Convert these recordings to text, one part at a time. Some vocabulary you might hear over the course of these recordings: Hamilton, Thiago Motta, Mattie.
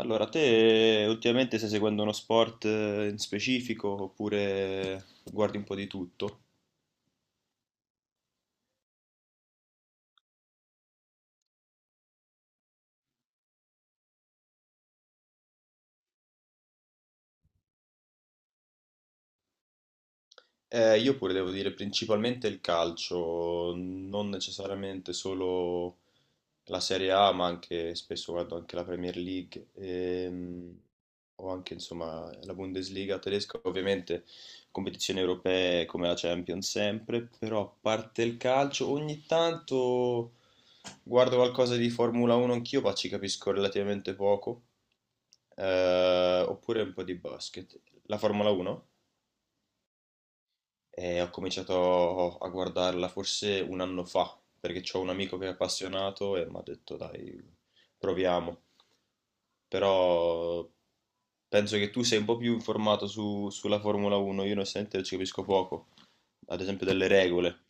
Allora, te ultimamente stai seguendo uno sport in specifico oppure guardi un po' di tutto? Io pure devo dire principalmente il calcio, non necessariamente solo la Serie A, ma anche spesso guardo anche la Premier League, o anche, insomma, la Bundesliga tedesca, ovviamente competizioni europee come la Champions sempre, però a parte il calcio ogni tanto guardo qualcosa di Formula 1 anch'io, ma ci capisco relativamente poco, oppure un po' di basket. La Formula 1? E ho cominciato a guardarla forse un anno fa, perché ho un amico che è appassionato e mi ha detto: dai, proviamo. Però penso che tu sei un po' più informato sulla Formula 1, io onestamente ci capisco poco, ad esempio delle regole.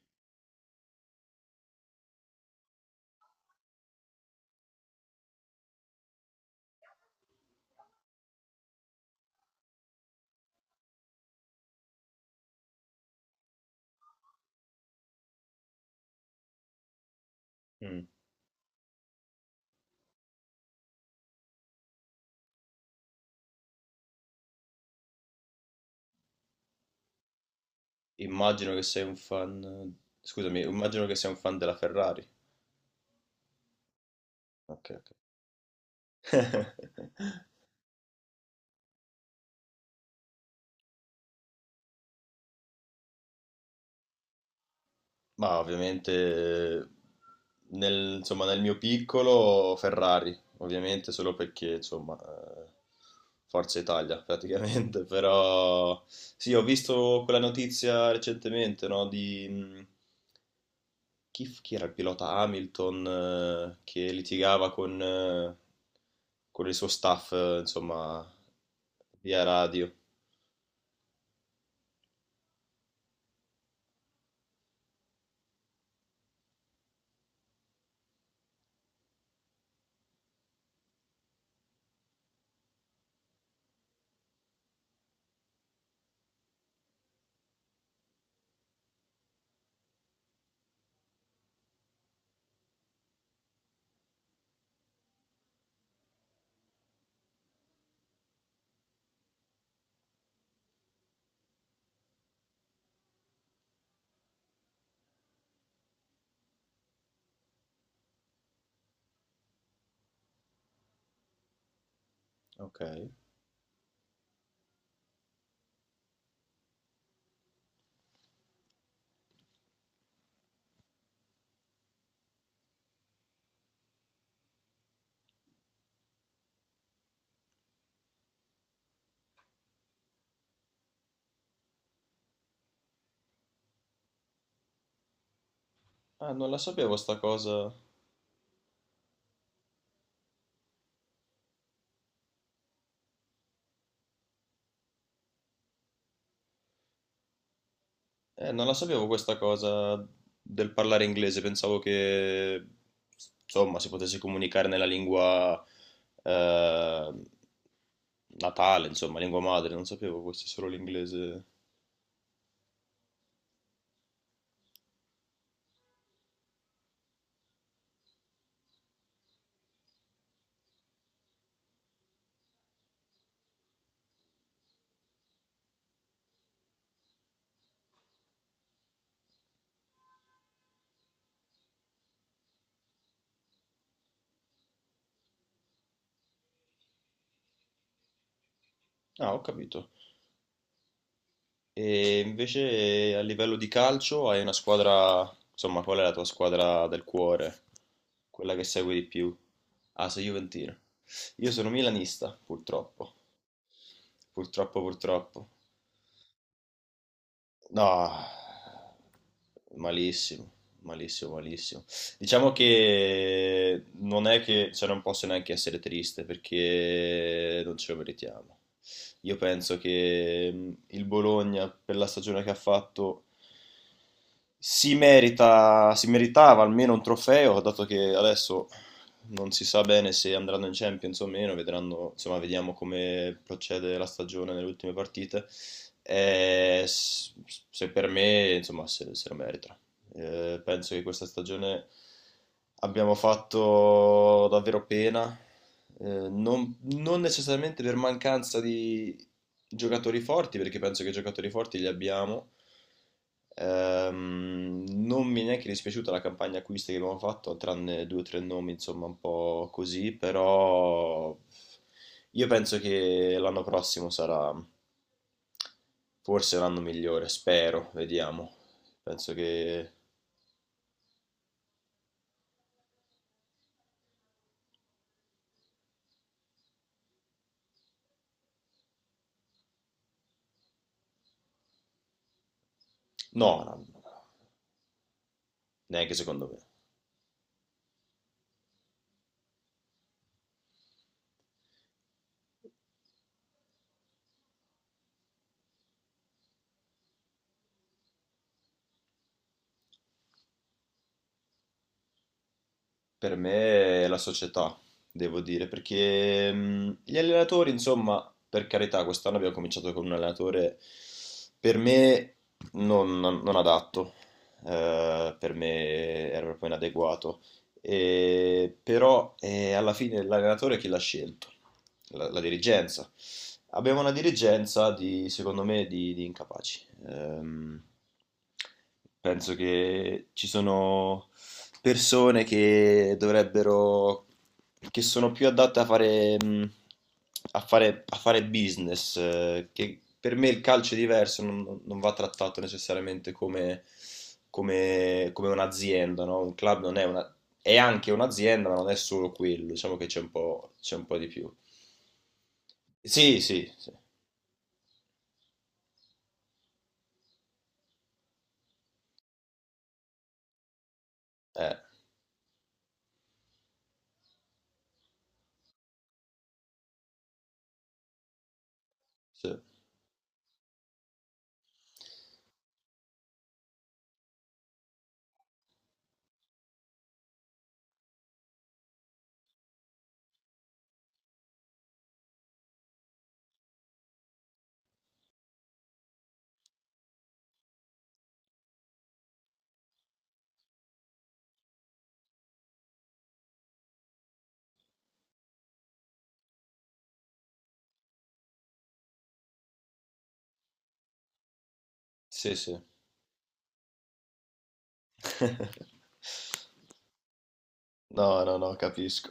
Mm. Immagino che sei un fan, scusami, immagino che sei un fan della Ferrari. Ok, ok. Ma ovviamente eh, insomma, nel mio piccolo Ferrari, ovviamente solo perché, insomma, Forza Italia praticamente, però sì, ho visto quella notizia recentemente, no, di chi era il pilota Hamilton, che litigava con il suo staff, insomma, via radio. Ok. Ah, non la sapevo sta cosa. Non la sapevo questa cosa del parlare inglese, pensavo che, insomma, si potesse comunicare nella lingua, eh, natale, insomma, lingua madre, non sapevo questo, solo l'inglese. Ah, ho capito. E invece a livello di calcio hai una squadra, insomma, qual è la tua squadra del cuore? Quella che segui di più? Ah, sei Juventino. Io sono milanista, purtroppo. Purtroppo, purtroppo. No, malissimo, malissimo, malissimo. Diciamo che non è che, cioè non posso neanche essere triste perché non ce lo meritiamo. Io penso che, il Bologna per la stagione che ha fatto si merita, si meritava almeno un trofeo, dato che adesso non si sa bene se andranno in Champions o meno, vedranno, insomma, vediamo come procede la stagione nelle ultime partite. Eh, s- Se per me, insomma, se lo merita. Penso che questa stagione abbiamo fatto davvero pena, eh, non necessariamente per mancanza di giocatori forti, perché penso che giocatori forti li abbiamo. Non mi è neanche dispiaciuta la campagna acquisti che abbiamo fatto, tranne due o tre nomi, insomma, un po' così, però io penso che l'anno prossimo sarà forse l'anno migliore, spero, vediamo. Penso che no, no, no, no, neanche secondo me. Per me è la società, devo dire, perché, gli allenatori, insomma, per carità, quest'anno abbiamo cominciato con un allenatore per me non adatto, per me era proprio inadeguato. Eh, però, alla fine l'allenatore chi l'ha scelto? La dirigenza. Abbiamo una dirigenza di, secondo me, di incapaci. Penso che ci sono persone che dovrebbero, che sono più adatte a fare, a fare business, che per me il calcio è diverso, non va trattato necessariamente come, come un'azienda, no? Un club non è una, è anche un'azienda, ma non è solo quello, diciamo che c'è un po' di più. Sì, sì, sì, eh, sì, sì, sì. No, no, no, capisco.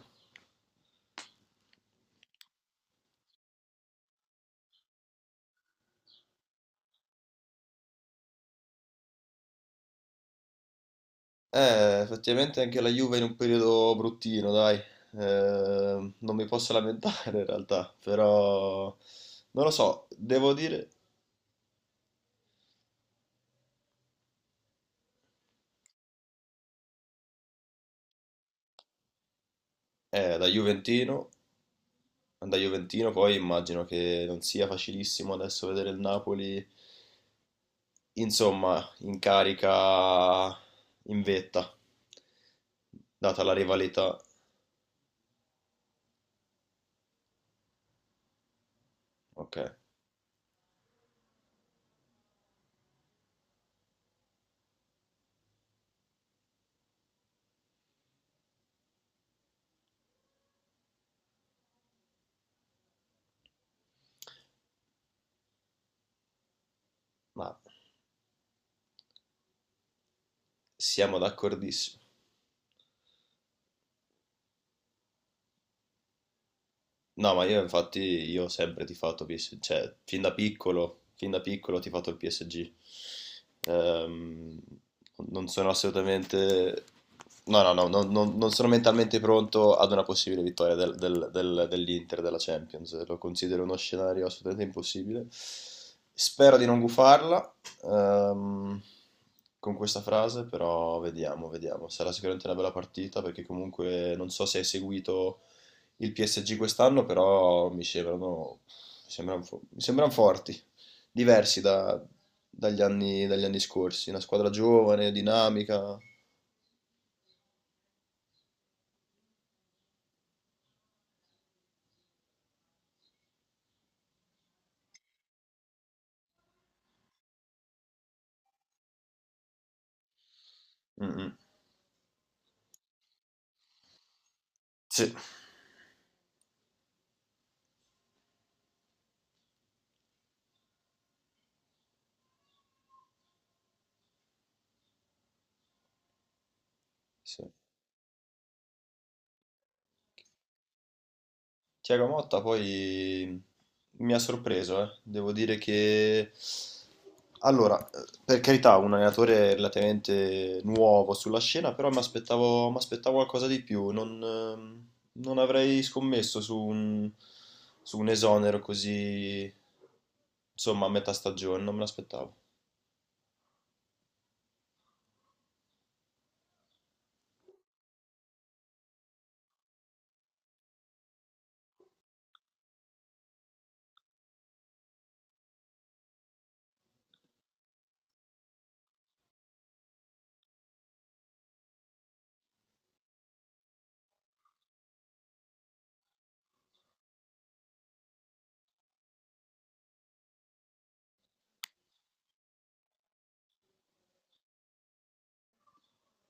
Effettivamente anche la Juve è in un periodo bruttino, dai. Non mi posso lamentare in realtà, però non lo so, devo dire, eh, da Juventino, da Juventino poi immagino che non sia facilissimo adesso vedere il Napoli, insomma, in carica, in vetta, data la rivalità. Ok, ma siamo d'accordissimo. No, ma io infatti io ho sempre tifato PSG, cioè fin da piccolo ho tifato il PSG. Ehm, non sono assolutamente, no, no, no, no, no, non sono mentalmente pronto ad una possibile vittoria dell'Inter della Champions. Lo considero uno scenario assolutamente impossibile. Spero di non gufarla, ehm, con questa frase, però vediamo, vediamo. Sarà sicuramente una bella partita perché comunque non so se hai seguito il PSG quest'anno, però mi sembrano, mi sembrano mi sembrano forti, diversi dagli anni scorsi. Una squadra giovane, dinamica. Mm, mm. Sì, sì. Thiago Motta poi mi ha sorpreso, eh. Devo dire che... Allora, per carità, un allenatore relativamente nuovo sulla scena, però mi aspettavo qualcosa di più. Non, non avrei scommesso su un esonero così, insomma, a metà stagione, non me l'aspettavo.